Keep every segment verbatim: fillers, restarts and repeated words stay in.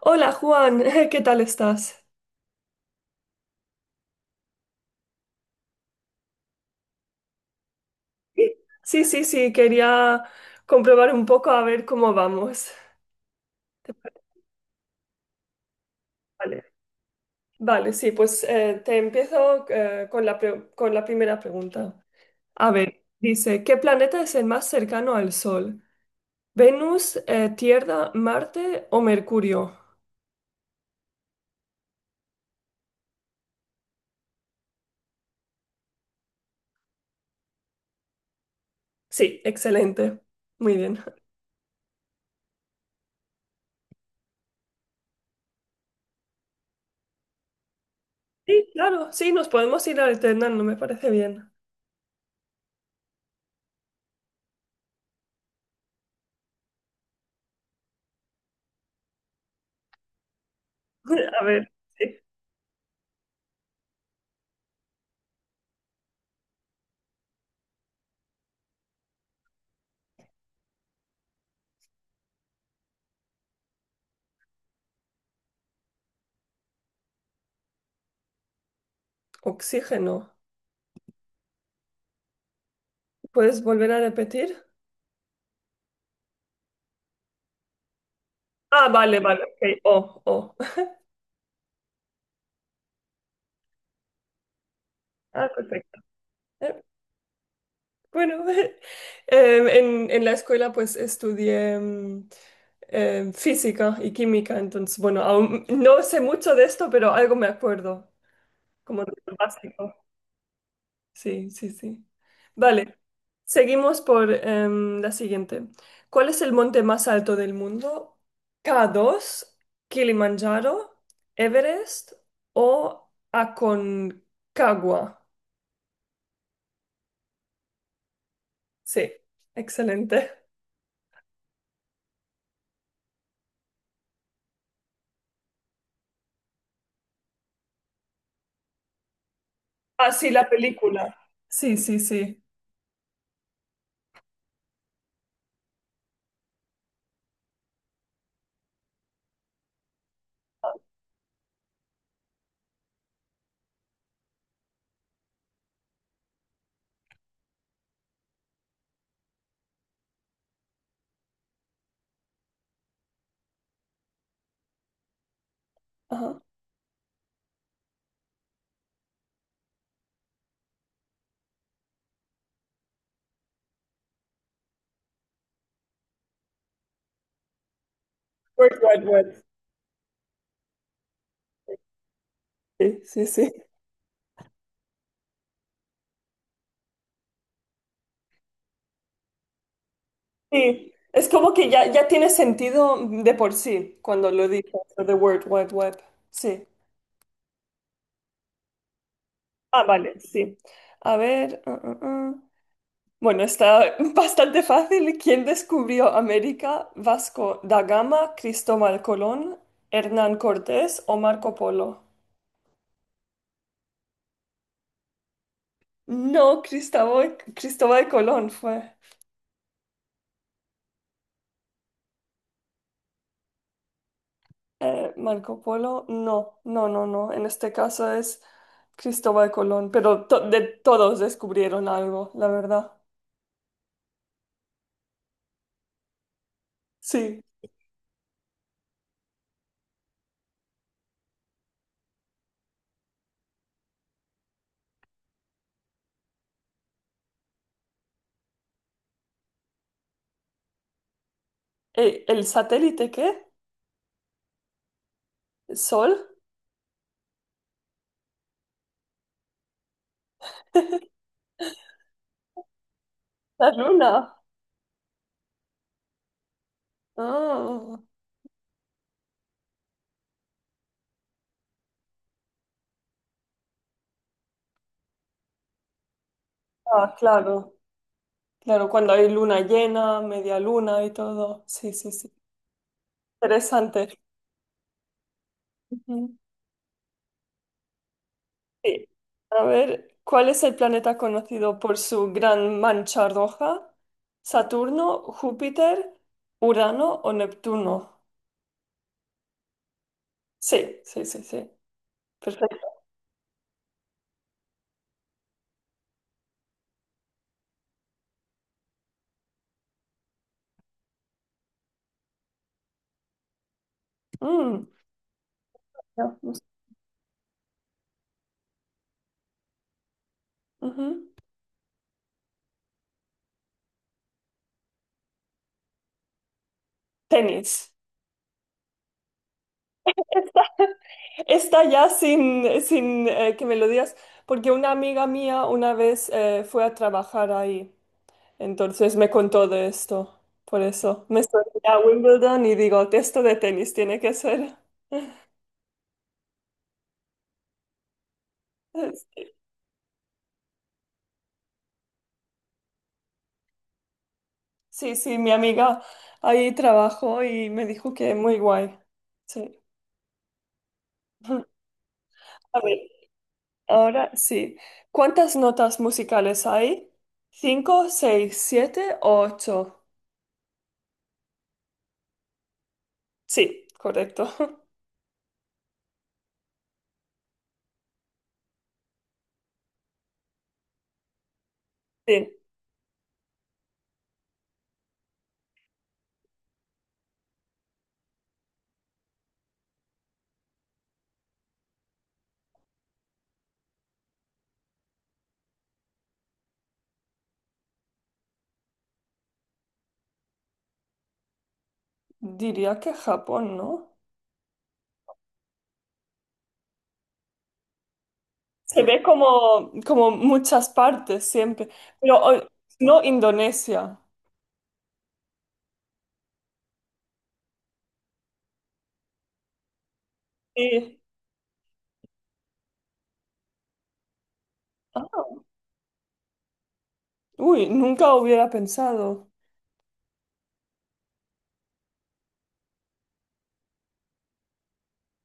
Hola Juan, ¿qué tal estás? Sí, sí, sí, quería comprobar un poco a ver cómo vamos. ¿Te parece? Vale, Vale, sí, pues eh, te empiezo eh, con la pre- con la primera pregunta. A ver, dice, ¿qué planeta es el más cercano al Sol? ¿Venus, eh, Tierra, Marte o Mercurio? Sí, excelente. Muy bien. Sí, claro, sí, nos podemos ir alternando, me parece bien. A ver, sí. Oxígeno. ¿Puedes volver a repetir? Ah, vale, vale, ok. Oh, oh. Ah, perfecto. Eh, Bueno, em, en, en la escuela pues estudié mm, em, física y química, entonces, bueno, aún no sé mucho de esto, pero algo me acuerdo, como de lo básico. Sí, sí, sí. Vale, seguimos por em, la siguiente. ¿Cuál es el monte más alto del mundo? ¿k dos, Kilimanjaro, Everest o Aconcagua? Sí, excelente. Ah, sí, la película. Sí, sí, sí. Ajá. World Wide Web. Sí, sí, sí. Sí, es como que ya, ya tiene sentido de por sí cuando lo dices, lo de World Wide Web. Sí. Ah, vale, sí. A ver. Ah, ah, ah. Bueno, está bastante fácil. ¿Quién descubrió América? ¿Vasco da Gama, Cristóbal Colón, Hernán Cortés o Marco Polo? No, Cristóbal, Cristóbal Colón fue. Eh, Marco Polo, no, no, no, no. En este caso es Cristóbal Colón, pero to- de todos descubrieron algo, la verdad. Sí. Eh, ¿el satélite qué? ¿El sol? La luna. Ah, ah, claro, claro, cuando hay luna llena, media luna y todo. Sí, sí, sí. Interesante. Ujú. Sí. A ver, ¿cuál es el planeta conocido por su gran mancha roja? ¿Saturno, Júpiter, Urano o Neptuno? Sí, sí, sí, sí. Perfecto. Mm, no, no sé. Ujú. Tenis. Esta, esta ya sin, sin eh, que me lo digas, porque una amiga mía una vez eh, fue a trabajar ahí, entonces me contó de esto. Por eso me estoy a Wimbledon y digo, esto de tenis tiene que ser. Sí, sí, mi amiga ahí trabajó y me dijo que muy guay. Sí. A ver. Ahora sí. ¿Cuántas notas musicales hay? ¿Cinco, seis, siete o ocho? Sí, correcto. Sí, diría que Japón, ¿no? Se ve como, como muchas partes siempre, pero o- no Indonesia. Sí. Ah, uy, nunca hubiera pensado.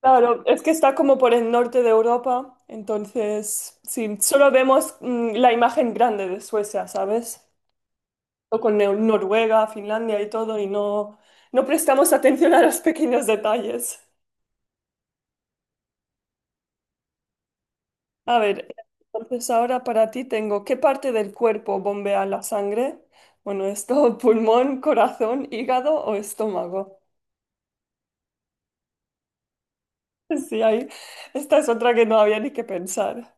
Claro, es que está como por el norte de Europa, entonces sí, solo vemos mm, la imagen grande de Suecia, ¿sabes? O con Nor- Noruega, Finlandia y todo, y no, no prestamos atención a los pequeños detalles. A ver, entonces ahora para ti tengo, ¿qué parte del cuerpo bombea la sangre? Bueno, esto, pulmón, corazón, hígado o estómago. Sí, ahí, esta es otra que no había ni que pensar.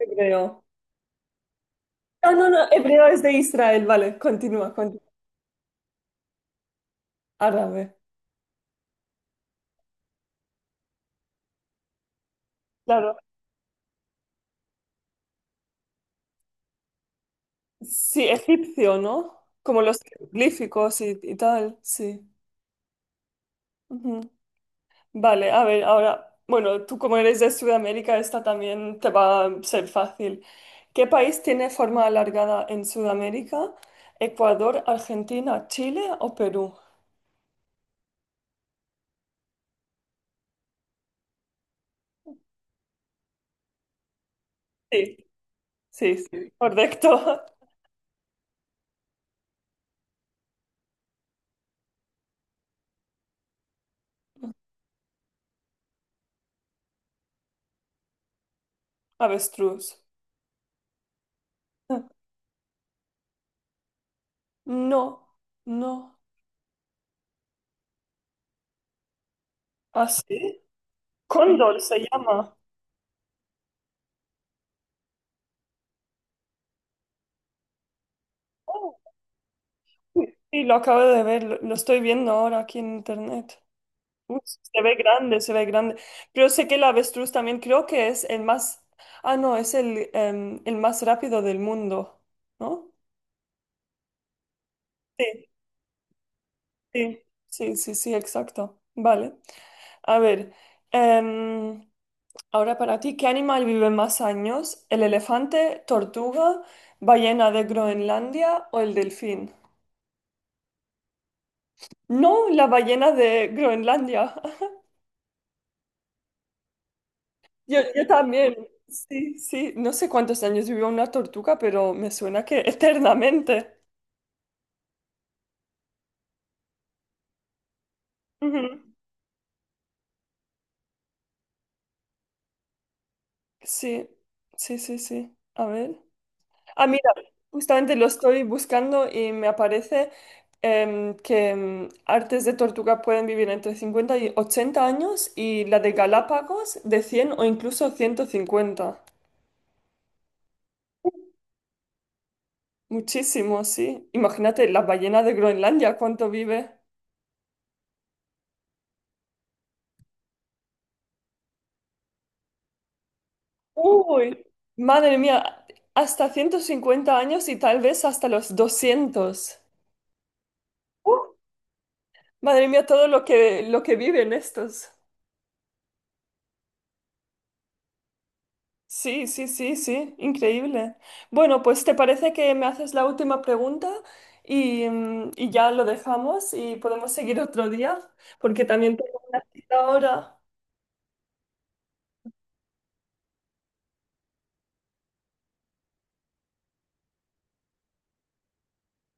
Hebreo. No, no, no, hebreo es de Israel, vale, continúa, continúa. Árabe. Claro. Sí, egipcio, ¿no? Como los jeroglíficos y, y tal, sí. Ujú. Vale, a ver, ahora, bueno, tú como eres de Sudamérica, esta también te va a ser fácil. ¿Qué país tiene forma alargada en Sudamérica? ¿Ecuador, Argentina, Chile o Perú? Sí, sí, sí, correcto. Avestruz. No, no. ¿Así? ¿Sí? Cóndor se llama. Oh, sí, sí, lo acabo de ver, lo, lo estoy viendo ahora aquí en internet. Uf, se ve grande, se ve grande. Pero sé que el avestruz también creo que es el más, ah, no, es el, em, el más rápido del mundo, ¿no? Sí, sí, sí, sí, sí, exacto. Vale. A ver, em, ahora para ti, ¿qué animal vive más años? ¿El elefante, tortuga, ballena de Groenlandia o el delfín? No, la ballena de Groenlandia. Yo, yo también, sí, sí, no sé cuántos años vivió una tortuga, pero me suena que eternamente. Ujú. Sí, sí, sí, sí. A ver. Ah, mira, justamente lo estoy buscando y me aparece em, que em, artes de tortuga pueden vivir entre cincuenta y ochenta años y la de Galápagos de cien o incluso ciento cincuenta. Muchísimo, sí. Imagínate la ballena de Groenlandia, ¿cuánto vive? Uy, madre mía, hasta ciento cincuenta años y tal vez hasta los doscientos. Uh, madre mía, todo lo que, lo que viven estos. Sí, sí, sí, sí, increíble. Bueno, pues ¿te parece que me haces la última pregunta y, mm, y ya lo dejamos y podemos seguir otro día? Porque también tengo una cita ahora.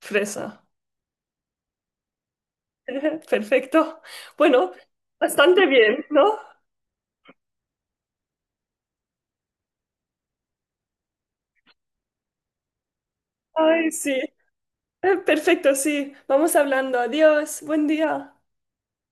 Fresa. Perfecto. Bueno, bastante bien, ¿no? Ay, sí. Eh, Perfecto, sí. Vamos hablando. Adiós. Buen día.